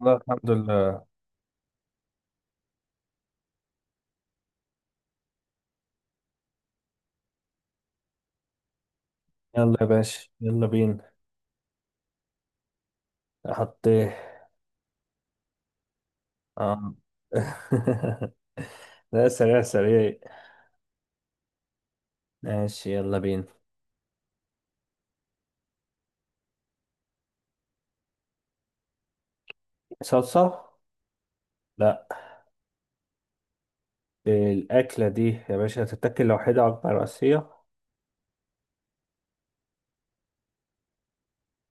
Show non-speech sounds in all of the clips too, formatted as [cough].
لا، الحمد لله. يلا يا باشا، يلا بينا. حطيه. آه. [laughs] لا، سريع سريع. ماشي، يلا بينا. صلصة. لا. الأكلة دي يا باشا تتاكل لوحدها وجبة رئيسية.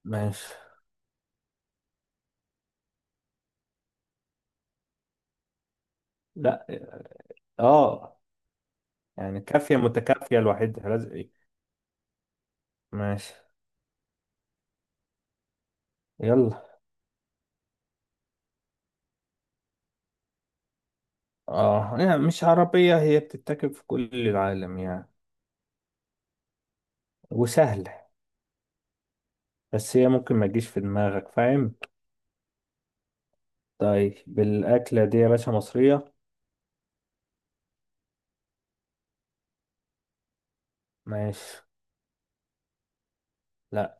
ماشي. لا. اه، يعني كافية متكافية لوحدها لازم إيه؟ ماشي. يلا. اه، يعني مش عربية، هي بتتاكل في كل العالم يعني. وسهلة. بس هي ممكن ما تجيش في دماغك، فاهم. طيب الأكلة دي يا باشا مصرية. ماشي. لا.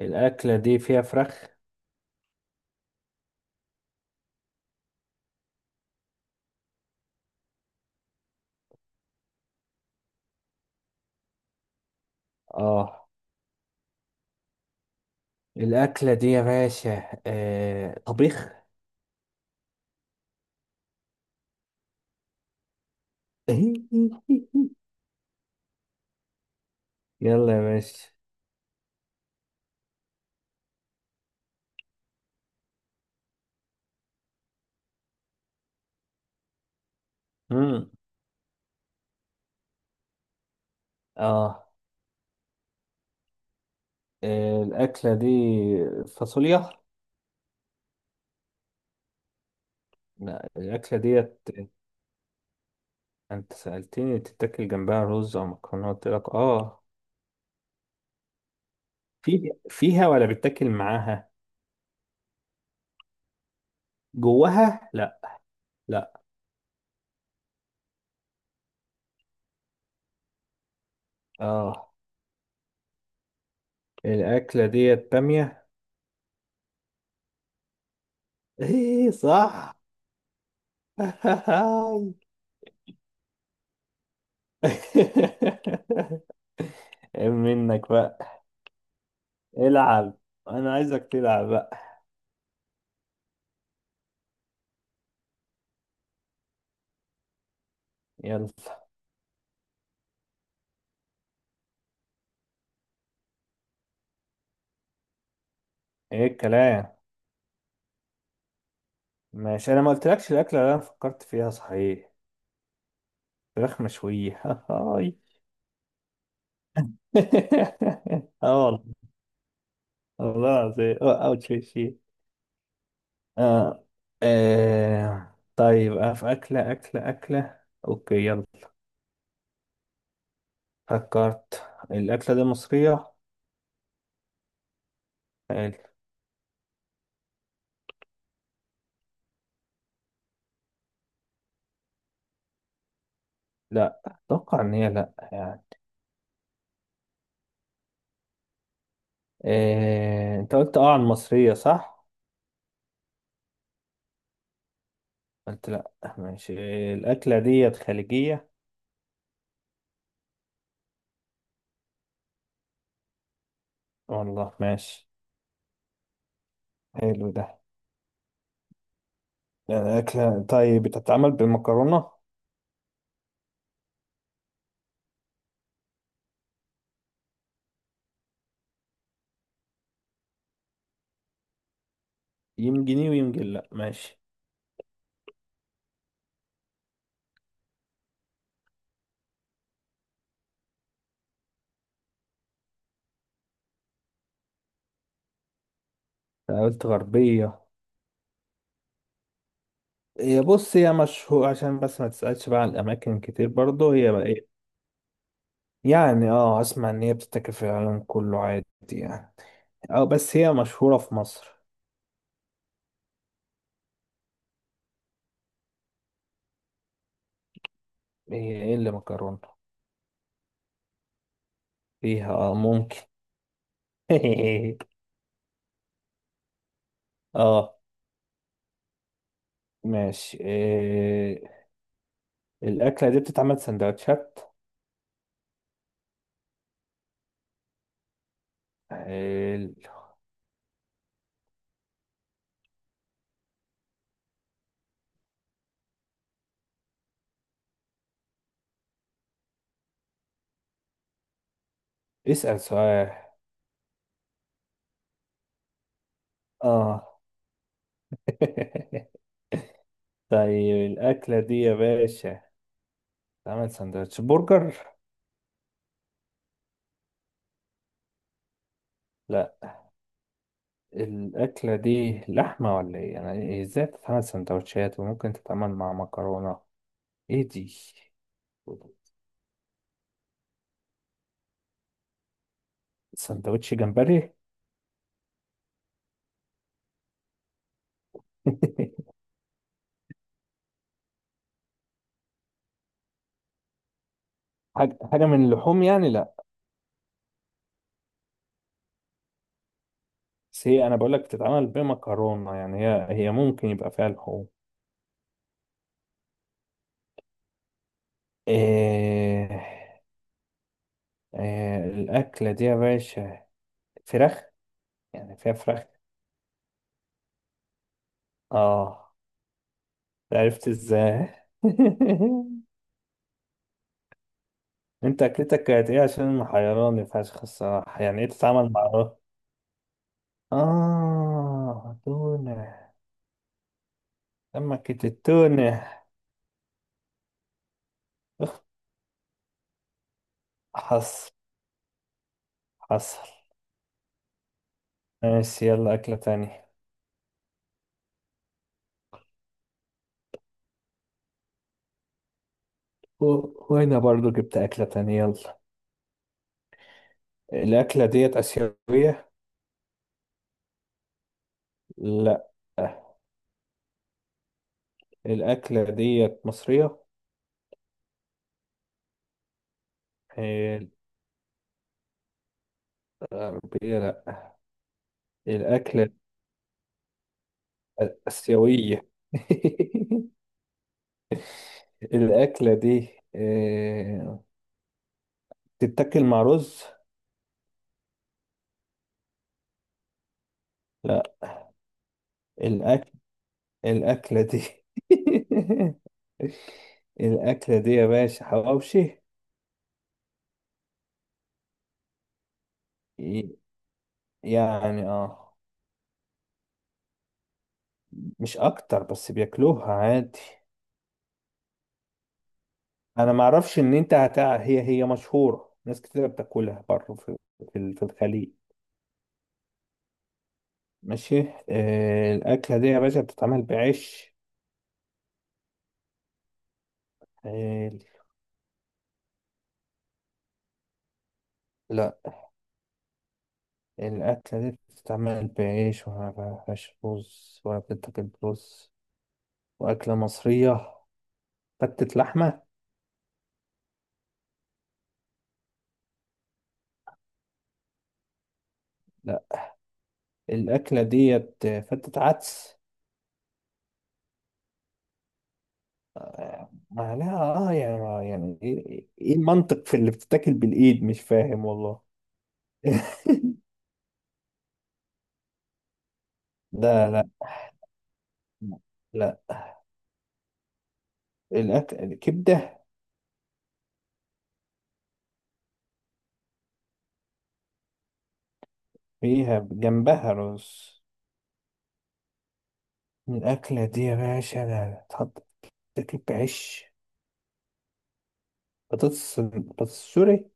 الأكلة دي فيها فراخ. اه. الأكلة دي يا باشا طبيخ. [laughs] يلا يا باشا. مم. اه. الأكلة دي فاصوليا. لا، الأكلة ديت. أنت سألتني تتاكل جنبها رز أو مكرونة، قلت لك اه. في فيها ولا بتاكل معاها؟ جواها لا. لا. اه. الأكلة ديت بامية. ايه، صح. [laughs] [laughs] ايه منك بقى. العب. انا عايزك تلعب بقى. يلا. ايه الكلام. ماشي، انا ما قلتلكش الاكله اللي انا فكرت فيها، صحيح؟ فراخ مشويه. [laughs] هاي. [laughs] اه والله. والله العظيم، اه، اوت في شيء. اه. طيب، اه، في اكله. اوكي، يلا. فكرت الاكله دي مصريه. حلو. لا، اتوقع ان هي لا يعني. انت قلت اه عن مصريه، صح؟ قلت لا. ماشي. الأكلة ديت خليجية. والله، ماشي. حلو ده. يعني أكلة طيب بتتعمل بمكرونة. يمكن إيه ويمكن لا. ماشي. قلت غربية. هي، بص، هي مشهور، عشان بس ما تسألش بقى عن الأماكن كتير برضه، هي بقى إيه. يعني اه، أسمع إن هي بتتاكل في العالم كله عادي يعني. اه، بس هي مشهورة في مصر. هي إيه اللي مكرونة. فيها اه ممكن. [laughs] اه. ماشي، إيه. الأكلة دي بتتعمل سندوتشات. حلو. اسأل سؤال. اه. [laughs] طيب الأكلة دي يا باشا تعمل سندوتش برجر؟ لا. الأكلة دي لحمة ولا ايه؟ يعني ازاي تتعمل سندوتشات وممكن تتعمل مع مكرونة؟ ايه دي؟ سندوتش جمبري؟ [laughs] حاجة حاجة من اللحوم يعني؟ لا. بس هي أنا بقولك بتتعمل بمكرونة، يعني هي ممكن يبقى فيها لحوم. إيه... الأكلة دي يا باشا فراخ؟ يعني فيها فراخ. اه. عرفت ازاي. [laughs] انت اكلتك كانت ايه عشان محيراني فشخ الصراحة، يعني ايه تتعامل مع الرز؟ اه، تونة. سمكة التونة. أخ. حصل، حصل. ماشي، يلا أكلة تانية. وأنا برضو جبت أكلة تانية، يلا. الأكلة ديت آسيوية. لا. الأكلة ديت مصرية. إيه. الغربية لا. الأكلة آسيوية. [laughs] الأكلة دي، آه، تتاكل مع رز؟ لا. الأكل. الأكلة دي. [laughs] الأكلة دي يا باشا حواوشي. ي- يعني اه. مش أكتر، بس بياكلوها عادي. أنا معرفش إن أنت هي مشهورة، ناس كتير بتاكلها بره، في في الخليج. ماشي. الأكلة دي يا باشا بتتعمل بعيش. حلو. لا. الأكلة دي بتتعمل بعيش وما فيهاش رز ولا بتتاكل برز، وأكلة مصرية. فتة لحمة. لا. الأكلة ديت فتة عدس. ما لها. اه يعني يعني ايه. إيه المنطق في اللي بتتاكل بالإيد، مش فاهم والله. [laughs] لا، لا. لا الأكل الكبدة. فيها جنبها رز. الأكلة دي يا باشا لا تحط. تاكل بعيش. بطاطس، بطاطس، سوري.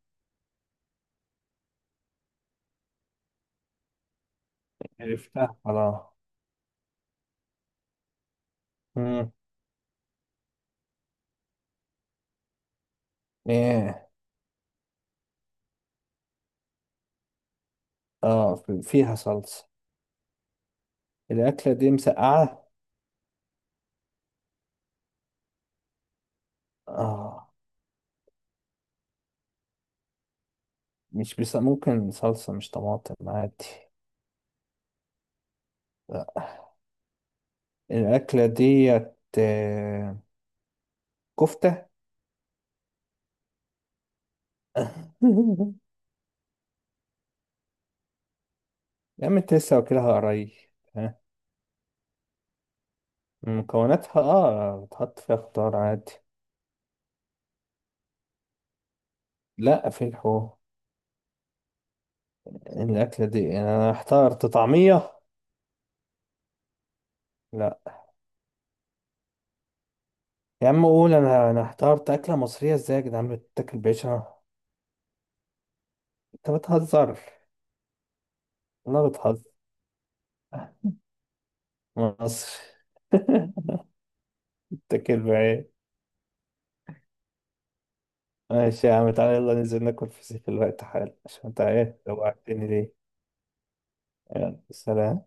عرفتها، خلاص. مم. ايه. اه، فيها صلصة. الأكلة دي مسقعة. اه. مش بس ممكن صلصة مش طماطم عادي. لا. الأكلة ديت كفتة. [laughs] يا عم، انت لسه واكلها قريب. ها. مكوناتها اه بتحط فيها خضار عادي. لا، في الأكلة دي يعني أنا احترت، طعمية. لا. يا عم قول، أنا احترت أكلة مصرية ازاي يا جدعان، بتاكل بعيشها. أنت بتهزر. والله بتهزر. مصر. [laughs] بتاكل بعيش. ماشي يا عم، تعالى يلا ننزل ناكل فسيخ في الوقت حالا، عشان انت عارف لو قعدتني ليه. يلا، سلام.